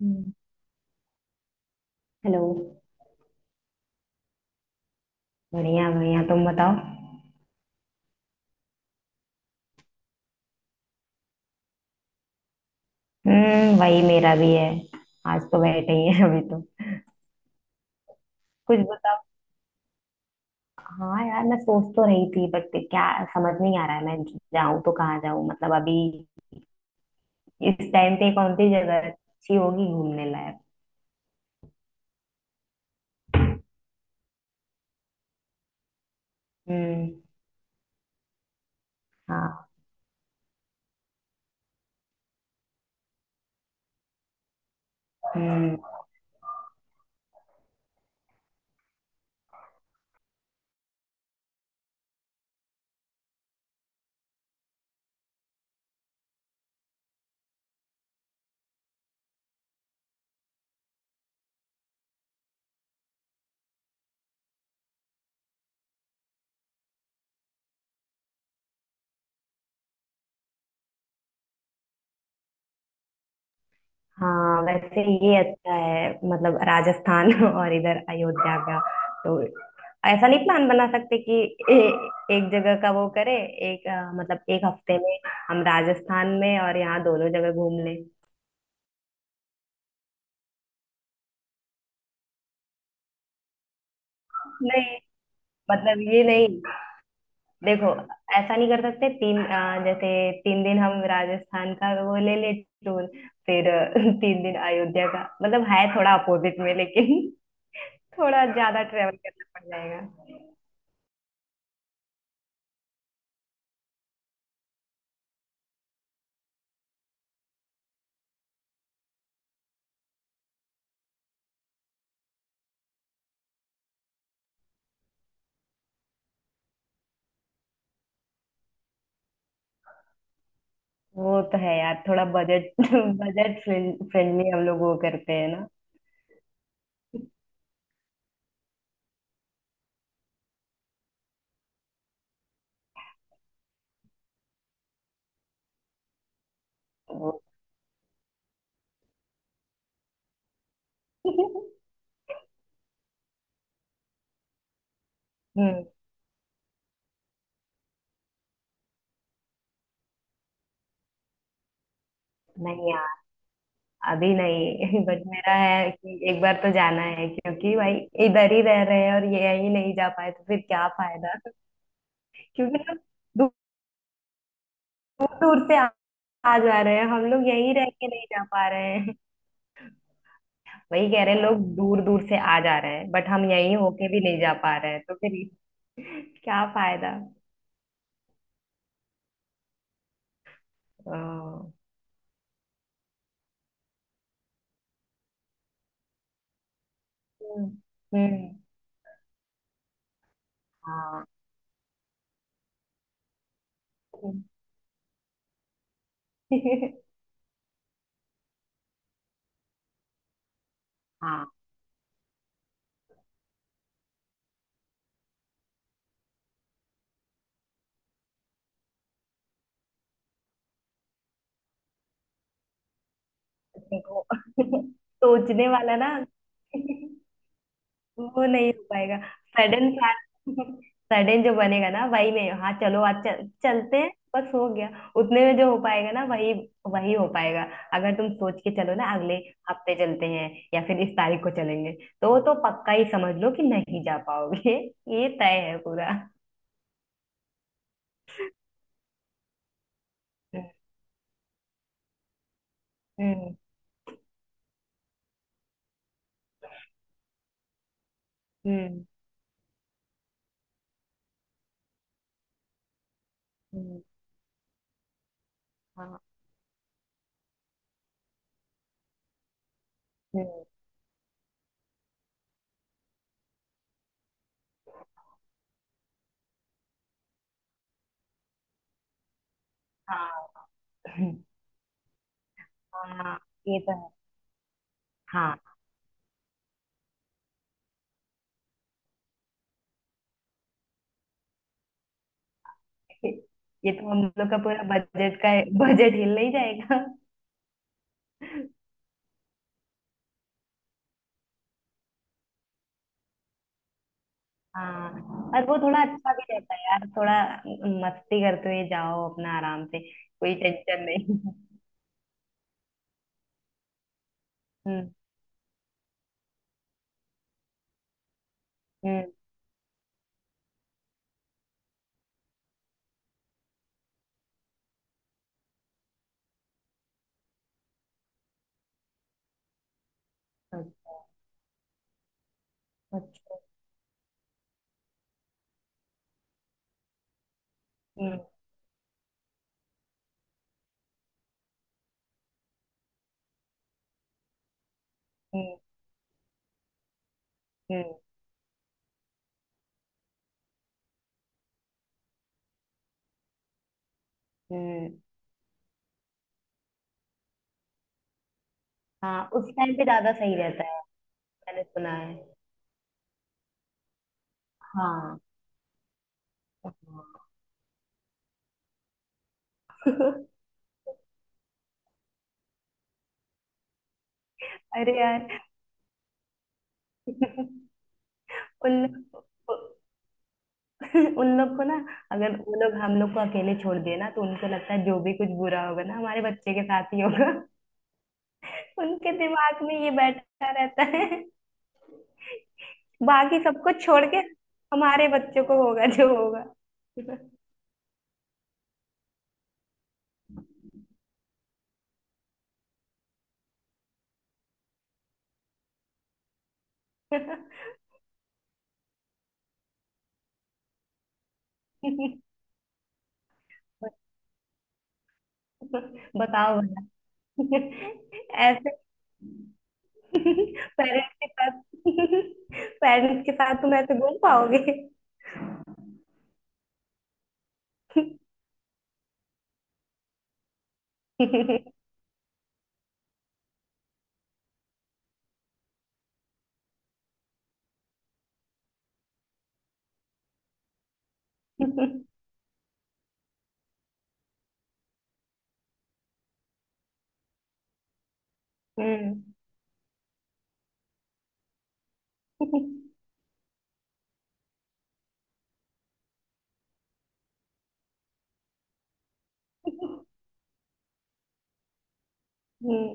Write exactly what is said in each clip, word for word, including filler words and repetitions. हम्म। Hello. बढ़िया बढ़िया, तुम बताओ। हम्म वही मेरा भी है। आज तो बैठे ही है अभी तो। कुछ बताओ। हाँ यार, मैं सोच तो रही थी बट क्या समझ नहीं आ रहा है मैं जाऊं तो कहाँ जाऊं। मतलब अभी इस टाइम पे कौन सी जगह अच्छी होगी घूमने लायक। हम्म। हाँ। हम्म। हाँ वैसे ये अच्छा है, मतलब राजस्थान और इधर अयोध्या का तो ऐसा नहीं प्लान बना सकते कि ए, एक जगह का वो करे। एक अ, मतलब एक हफ्ते में हम राजस्थान में और यहाँ दोनों जगह घूम लें। नहीं, मतलब ये नहीं। देखो, ऐसा नहीं कर सकते तीन अ, जैसे तीन दिन हम राजस्थान का वो ले ले टूर। फिर अ, तीन दिन अयोध्या का, मतलब है थोड़ा अपोजिट में लेकिन थोड़ा ज्यादा ट्रेवल करना पड़ जाएगा। वो तो है यार, थोड़ा बजट बजट फ्रेंडली हम लोग वो करते हैं ना। वो हम्म। नहीं यार, अभी नहीं। बट मेरा है कि एक बार तो जाना है क्योंकि भाई इधर ही रह रहे हैं और ये यही नहीं जा पाए तो फिर क्या फायदा। क्योंकि लोग दूर दूर से आ आ जा रहे हैं, हम लोग यही रह के नहीं जा पा रहे हैं। वही कह रहे हैं, लोग दूर दूर से आ जा रहे हैं बट हम यही होके भी नहीं जा पा रहे हैं, तो फिर क्या फायदा। अ, हम्म। हम्म। हाँ। हाँ वो। सोचने वाला ना। वो नहीं हो पाएगा सडन प्लान। सडन जो बनेगा ना वही में, हाँ चलो आज चल, चलते हैं, बस हो गया। उतने में जो हो पाएगा ना, वही वही हो पाएगा। अगर तुम सोच के चलो ना अगले हफ्ते चलते हैं या फिर इस तारीख को चलेंगे, तो वो तो पक्का ही समझ लो कि नहीं जा पाओगे। ये तय है पूरा। हम्म। हम्म। हम्म। हाँ। हम्म। हाँ। हाँ ये तो है। हाँ। ये तो हम लोग का पूरा बजट का, बजट हिल नहीं जाएगा। हाँ, और वो थोड़ा अच्छा भी रहता है यार, थोड़ा मस्ती करते हुए जाओ अपना आराम से, कोई टेंशन नहीं। हम्म। हम्म। अच्छा। हम्म। हम्म। हम्म। हम्म। हाँ, उस टाइम पे ज्यादा सही रहता है, मैंने सुना है। हाँ। अरे यार। उन उन लोग को ना, अगर वो लोग हम लोग को अकेले छोड़ दिए ना तो उनको लगता है जो भी कुछ बुरा होगा ना हमारे बच्चे के साथ ही होगा। उनके दिमाग में ये बैठा रहता है। बाकी सबको छोड़ के हमारे बच्चों को होगा जो होगा। बताओ भला। ऐसे पेरेंट्स के साथ पेरेंट्स के साथ तुम ऐसे घूम पाओगे। हम्म। हम्म,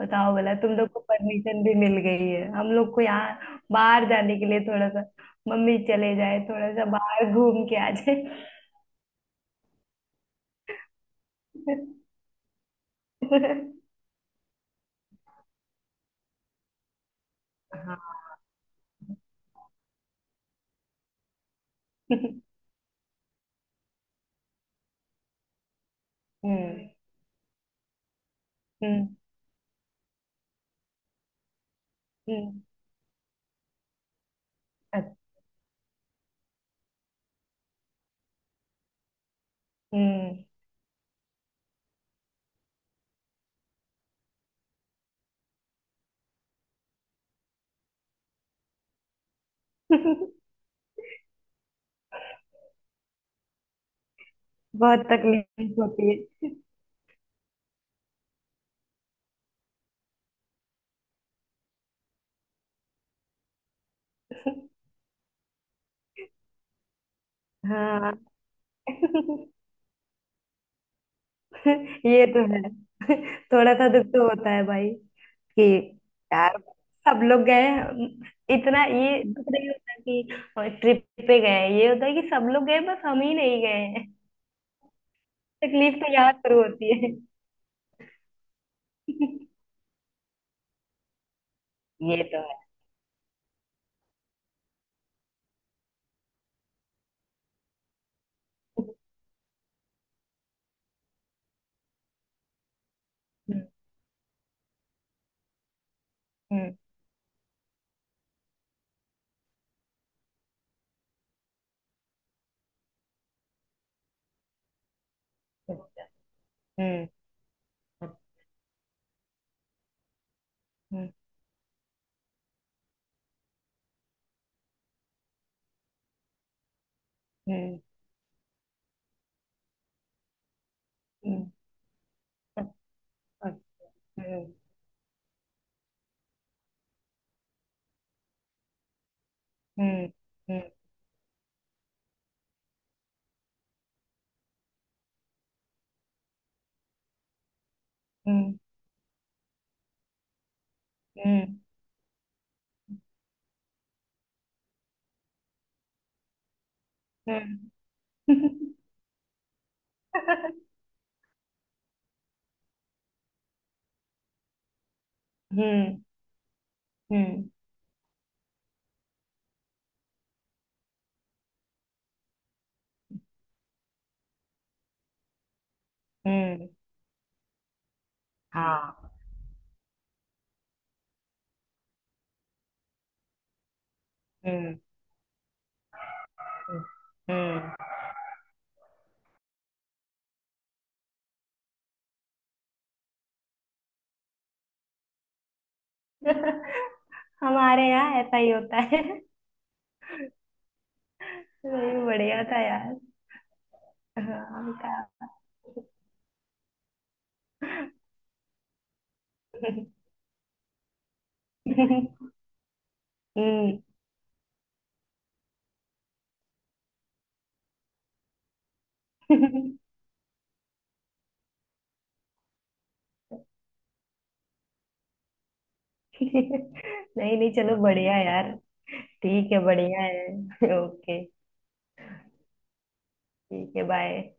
बताओ, बोला तुम लोग को परमिशन भी मिल गई है हम लोग को यहाँ बाहर जाने के लिए थोड़ा सा, मम्मी चले जाए थोड़ा सा बाहर घूम के आ जाए। हाँ। हम्म। हम्म। हम्म। अच्छा, हम्म। बहुत तकलीफ होती है। हाँ। ये तो है, थोड़ा सा दुख तो होता है भाई कि यार, सब लोग गए हैं। इतना ये दुख नहीं होता कि ट्रिप पे गए हैं। ये होता है कि सब लोग गए बस हम ही नहीं गए हैं। तकलीफ तो यहाँ शुरू होती है। ये तो है। हम्म। हम्म। अच्छा। हम्म। हम्म। हम्म। हम्म। अच्छा। हम्म। हम्म। हम्म। हम्म। हम्म। हम्म। हम्म। हम्म। हम्म। हाँ। हम्म। हम्म। हम्म। हमारे यहाँ ऐसा ही होता है। नहीं, बढ़िया था यार। हाँ का- हम्म। नहीं नहीं, चलो बढ़िया यार। ठीक है, बढ़िया है। ओके। ठीक है, बाय।